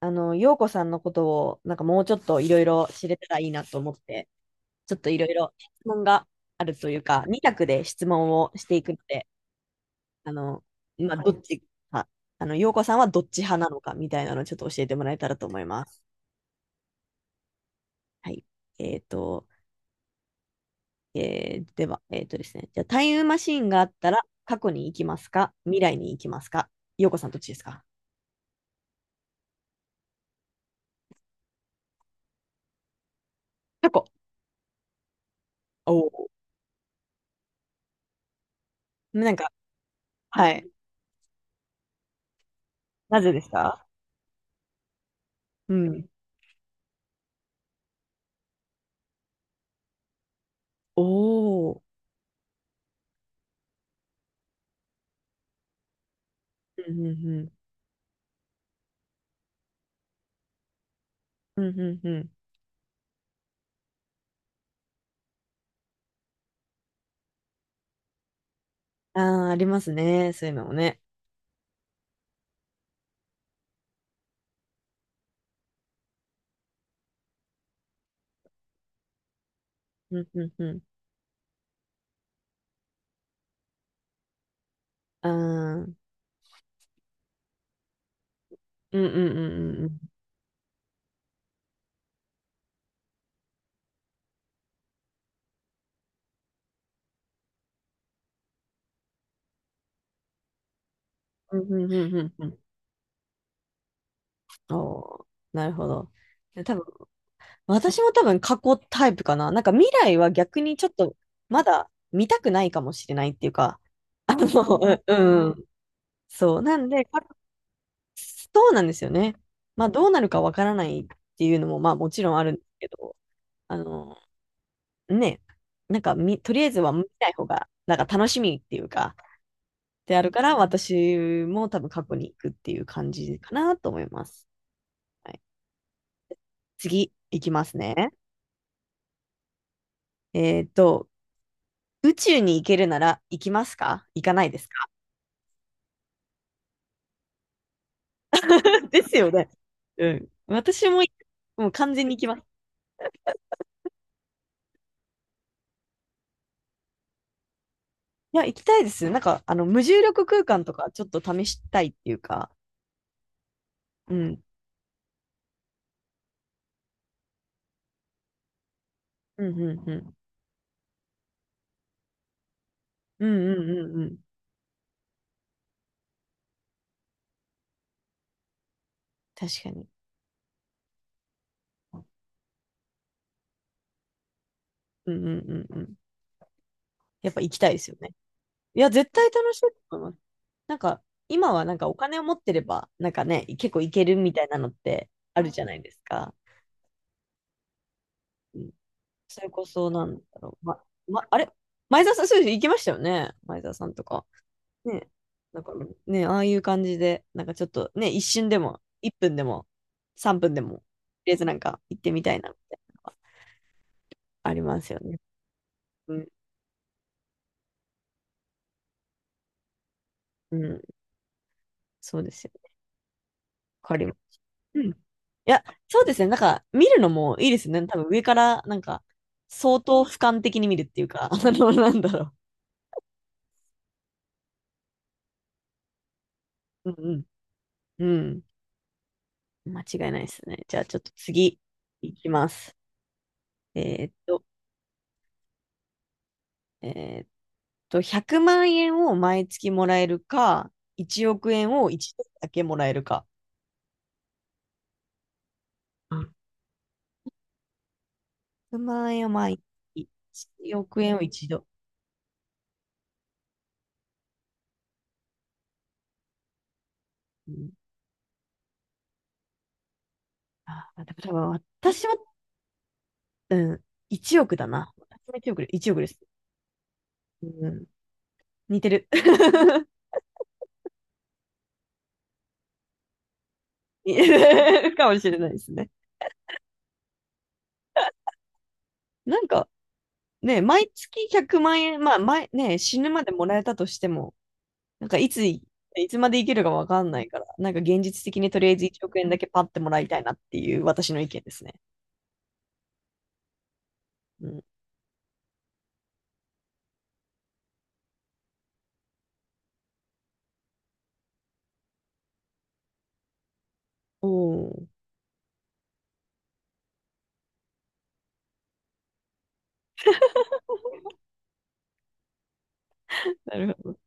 陽子さんのことを、なんかもうちょっといろいろ知れたらいいなと思って、ちょっといろいろ質問があるというか、2択で質問をしていくので、あの、どっち派、陽子さんはどっち派なのかみたいなのをちょっと教えてもらえたらと思います。はい。えっと、えーでは、えっとですね、じゃあタイムマシーンがあったら、過去に行きますか未来に行きますか？陽子さんどっちですか？過去。おお。なんか、はい。なぜですか？うん。おお。うんうんうん。うんうんうん。ああ、ありますね。そういうのもね。うんうんうん。ああ、うんうんうんうんうん。うんうんうんうんうん。おー、なるほど。多分、私も多分過去タイプかな。なんか未来は逆にちょっとまだ見たくないかもしれないっていうか、あの、うんうん。そう。なんで、過去そうなんですよね。まあどうなるかわからないっていうのもまあもちろんあるんですけど、あの、ね、なんかみ、とりあえずは見ない方が、なんか楽しみっていうか、であるから、私も多分過去に行くっていう感じかなと思います。はい、次、行きますね。えっと、宇宙に行けるなら行きますか行かないですか？ ですよね。うん。私も、もう完全に行きます。いや、行きたいです。無重力空間とかちょっと試したいっていうか、うん。うんうんうん。うんうんうんうん。確かに。うんうんうんうん。やっぱ行きたいですよね。いや、絶対楽しいと思います。なんか、今はなんかお金を持ってれば、なんかね、結構いけるみたいなのってあるじゃないですか。うん、それこそ、なんだろう。あれ前澤さん、そうです。行きましたよね。前澤さんとか。ね。だからね、ああいう感じで、なんかちょっとね、一瞬でも、1分でも、3分でも、とりあえずなんか行ってみたいなみたいなのがありますよね。うん、うん、そうですよ。わかりうんいや、そうですね。なんか、見るのもいいですね。多分上から、なんか、相当俯瞰的に見るっていうか、なんだろう。うんうん。うん。間違いないですね。じゃあ、ちょっと次、いきます。えーっと、えーっ100万円を毎月もらえるか、1億円を一度だけもらえるか。うん100万円を毎月、1億円を一度。うん、あー、だから多分私は、うん、1億だな。私も億で、1億です。うん似てる。似てるかもしれないですね。なんかね、毎月100万円、まあ前、ね、死ぬまでもらえたとしても、いつまで生きるかわかんないから、なんか現実的にとりあえず1億円だけパッてもらいたいなっていう私の意見ですね。うん。おー。なるほど。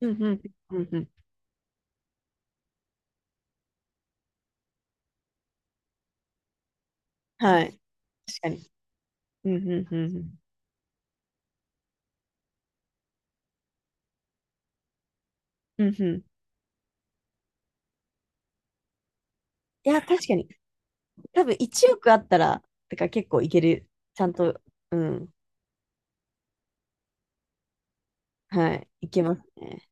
うんうんうんうん。はい。確かに。うんうんうんうん。うんうん。いや、確かに。多分1億あったら、てか結構いける。ちゃんと、うん。はい。いけますね。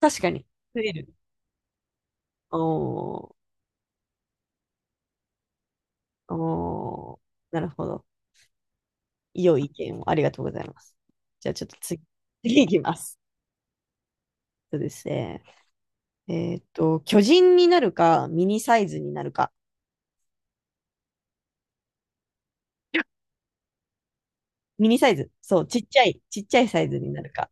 確かに。増える。おー、おー、なるほど。良い意見をありがとうございます。じゃあちょっと次、次いきます。そうですね。えーっと、巨人になるか、ミニサイズになるか。ミニサイズ。そう、ちっちゃいサイズになるか。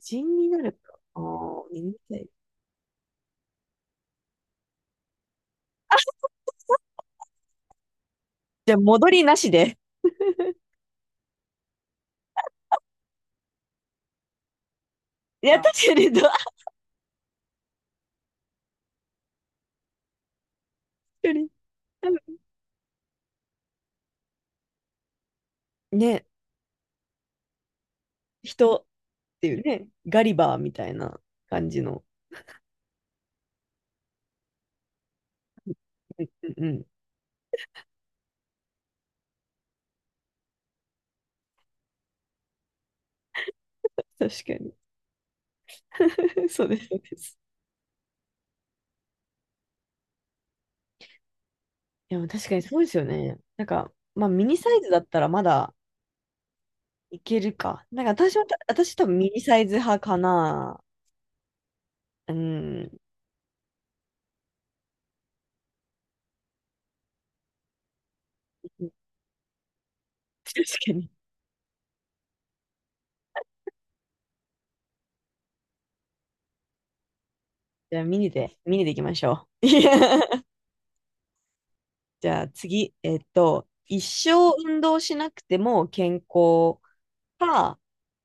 巨人になるか。おー、ミニサイズ。じゃあ戻りなしで。いや、確かに、ど、確かに。ね、人っていうね、ガリバーみたいな感じの。うんうんうん確かに。そうです。いや、確かにそうですよね。ミニサイズだったらまだいけるか。私多分ミニサイズ派かな。うん。確かに。じゃあ、ミニでいきましょう。じゃあ、次。えっと、一生運動しなくても健康か、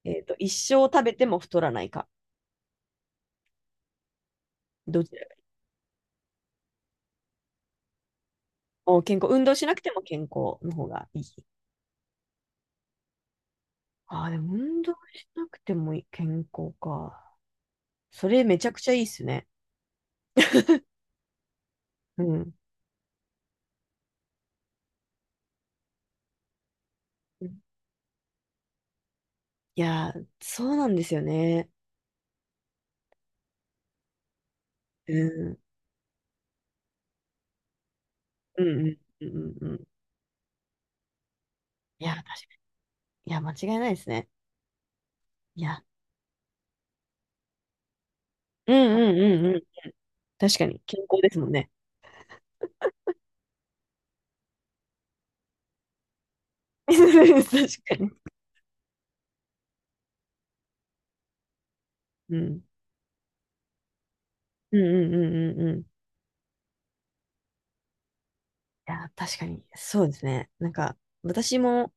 えっと、一生食べても太らないか。どっちらお、健康。運動しなくても健康の方がいい。ああ、でも運動しなくてもいい健康か。それめちゃくちゃいいっすね。うん。うんいやー、そうなんですよね。うん。うんうんうんうんうん。いや、確かに。いや、間違いないですね。いや。うんうんうんうん。確かに。健康ですもんね。確かに。うん。うんうんうんうんうん。いや、確かに。そうですね。なんか、私も、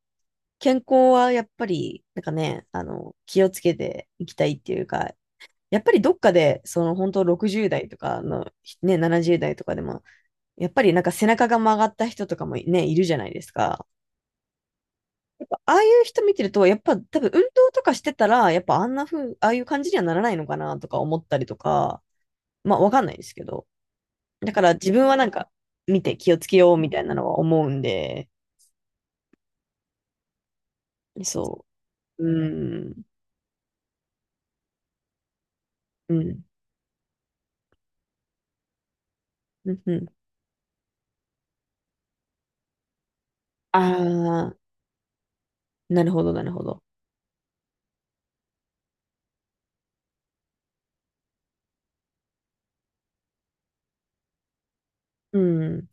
健康はやっぱり、なんかね、気をつけていきたいっていうか、やっぱりどっかで、その本当60代とかの、ね、70代とかでも、やっぱりなんか背中が曲がった人とかもね、いるじゃないですか。やっぱああいう人見てると、やっぱ多分運動とかしてたら、やっぱあんな風、ああいう感じにはならないのかなとか思ったりとか、まあわかんないですけど。だから自分はなんか見て気をつけようみたいなのは思うんで、そう。うん。うん。うん。うんああー。なるほど。うん。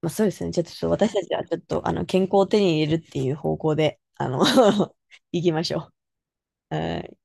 まあそうですね。じゃあちょっと私たちはちょっと、健康を手に入れるっていう方向で、あの 行きましょう。はい